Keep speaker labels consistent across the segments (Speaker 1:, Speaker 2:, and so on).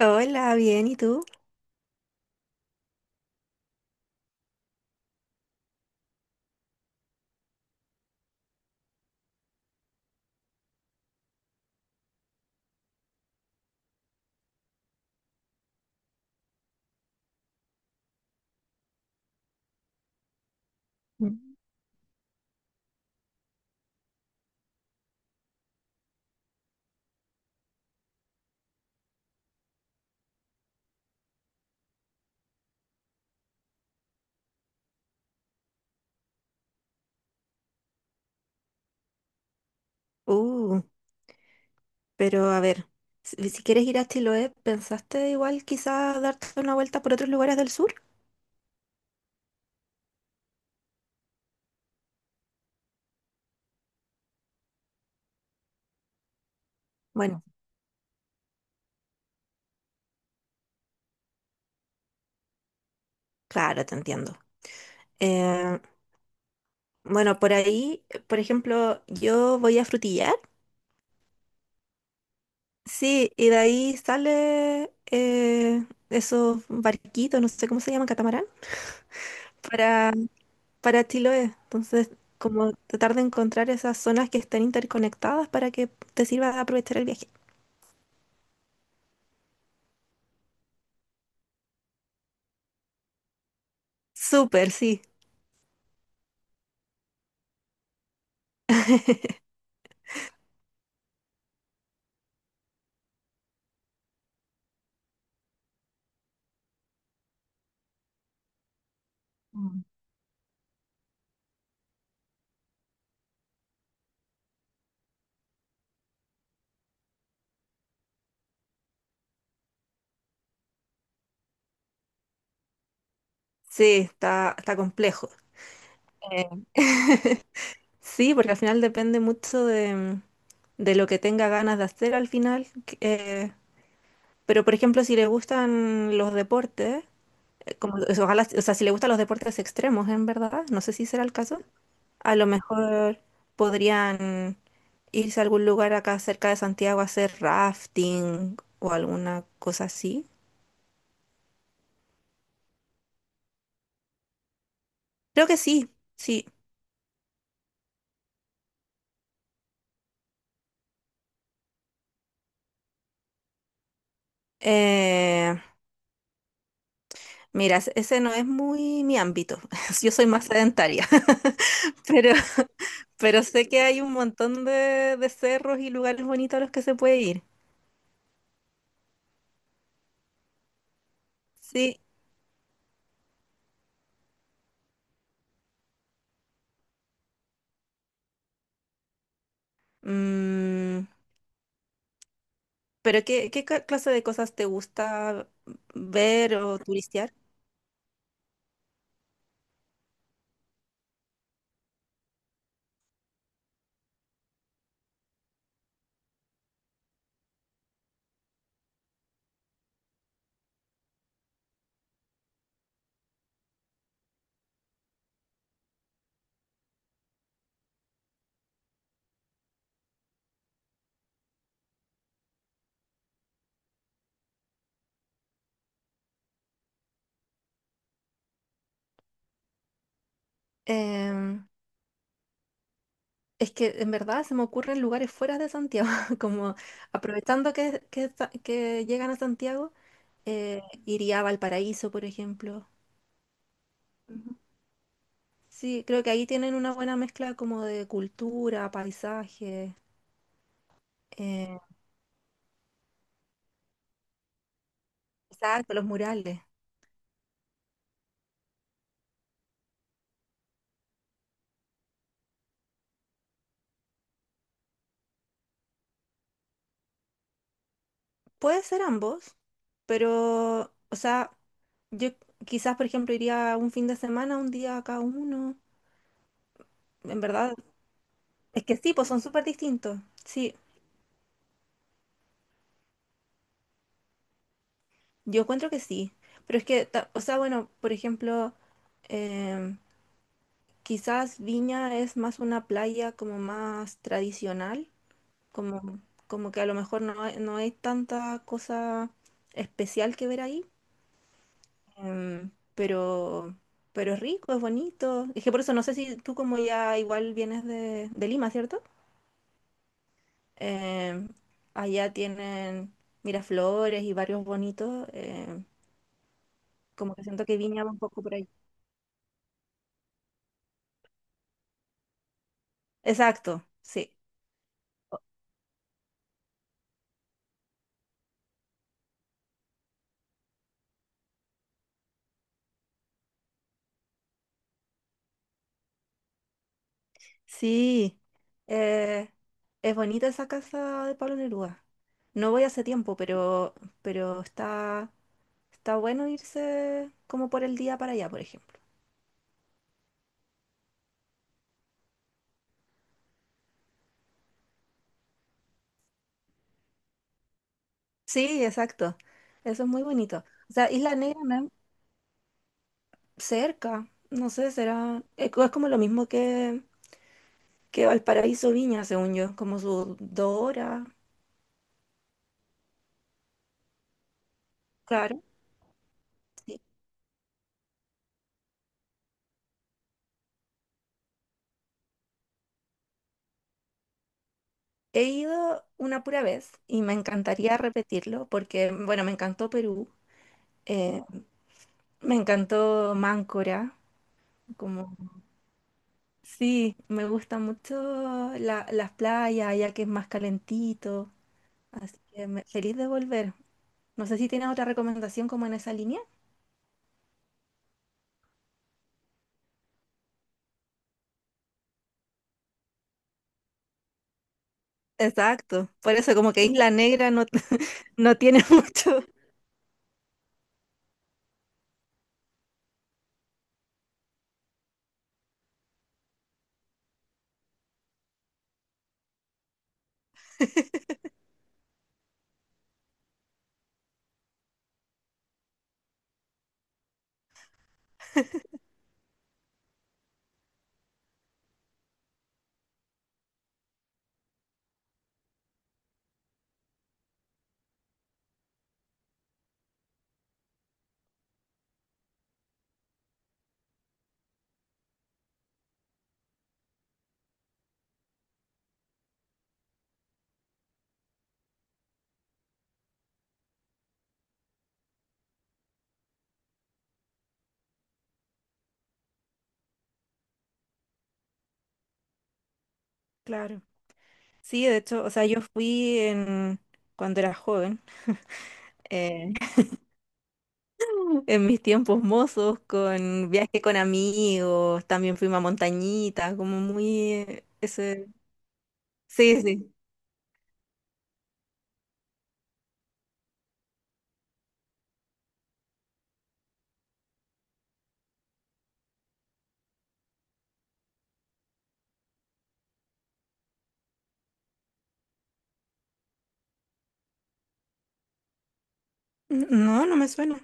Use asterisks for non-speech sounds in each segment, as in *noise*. Speaker 1: Hola, bien, ¿y tú? Mm. Uh, pero a ver, si quieres ir a Chiloé, ¿pensaste igual quizá darte una vuelta por otros lugares del sur? Bueno, claro, te entiendo. Eh, bueno, por ahí, por ejemplo, yo voy a Frutillar, sí, y de ahí sale esos barquitos, no sé cómo se llaman, catamarán, para, para Chiloé. Entonces, como tratar de encontrar esas zonas que estén interconectadas para que te sirva de aprovechar el viaje. Súper, sí. Sí, está complejo. Eh, *laughs* Sí, porque al final depende mucho de lo que tenga ganas de hacer al final. Pero, por ejemplo, si le gustan los deportes, como, o sea, ojalá, o sea, si le gustan los deportes extremos, en verdad, no sé si será el caso, a lo mejor podrían irse a algún lugar acá cerca de Santiago a hacer rafting o alguna cosa así. Creo que sí, sí. Eh, Mira, ese no es muy mi ámbito. *laughs* Yo soy más sedentaria, *laughs* pero, pero sé que hay un montón de cerros y lugares bonitos a los que se puede ir. Sí. Mm, pero ¿qué clase de cosas te gusta ver o turistear? Em, es que en verdad se me ocurren lugares fuera de Santiago, *laughs* como aprovechando que llegan a Santiago, eh, iría a Valparaíso, por ejemplo. Sí, creo que ahí tienen una buena mezcla como de cultura, paisaje, eh, exacto, los murales. Puede ser ambos, pero, o sea, yo quizás, por ejemplo, iría un fin de semana, un día a cada uno. En verdad, es que sí, pues son súper distintos. Sí, yo encuentro que sí. Pero es que, o sea, bueno, por ejemplo, em, quizás Viña es más una playa como más tradicional. Como, como que a lo mejor no, no hay tanta cosa especial que ver ahí, em, pero, pero es rico, es bonito. Es que por eso no sé si tú como ya igual vienes de Lima, ¿cierto? Em, Allá tienen Miraflores y varios bonitos, como que siento que Viña va un poco por ahí. Exacto, sí. Sí, eh, es bonita esa casa de Pablo Neruda. No voy hace tiempo, pero está, está bueno irse como por el día para allá, por ejemplo. Sí, exacto. Eso es muy bonito. O sea, Isla Negra no es cerca. No sé, será. Es como lo mismo que Valparaíso Viña, según yo, como sus dos horas. Claro, sí. He ido una pura vez y me encantaría repetirlo porque, bueno, me encantó Perú. Eh, me encantó Máncora, como sí, me gusta mucho las playas, ya que es más calentito, así que feliz de volver. No sé si tienes otra recomendación como en esa línea. Exacto, por eso como que Isla Negra no, *laughs* no tiene mucho. Claro. Sí, de hecho, o sea, yo fui en cuando era joven, eh, *laughs* en mis tiempos mozos, con viaje con amigos, también fuimos a montañitas, como muy ese. Sí, sí. No, no me suena.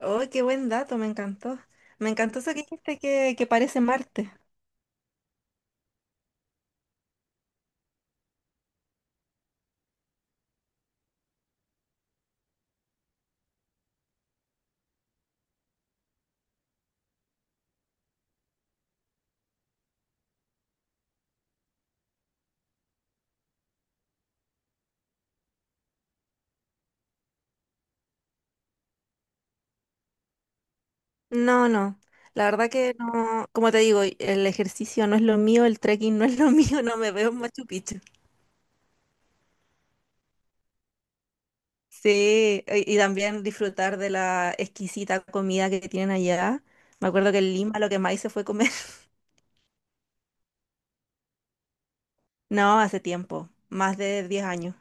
Speaker 1: Oh, qué buen dato, me encantó. Me encantó eso que dijiste que parece Marte. No, no. La verdad que no, como te digo, el ejercicio no es lo mío, el trekking no es lo *laughs* mío, no me veo en Machu Picchu. Sí, y también disfrutar de la exquisita comida que tienen allá. Me acuerdo que en Lima lo que más hice fue comer. *laughs* No, hace tiempo, más de 10 años.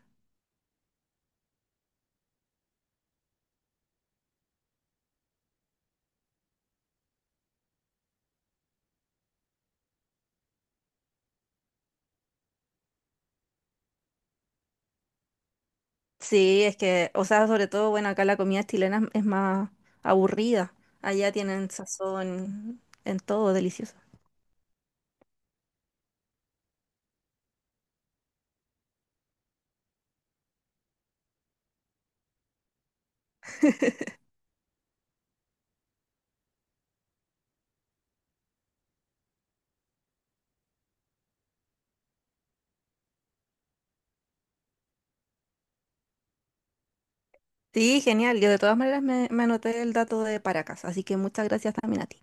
Speaker 1: Sí, es que, o sea, sobre todo, bueno, acá la comida chilena es más aburrida. Allá tienen sazón en todo, delicioso. Sí, genial. Yo de todas maneras me, me anoté el dato de Paracas, así que muchas gracias también a ti.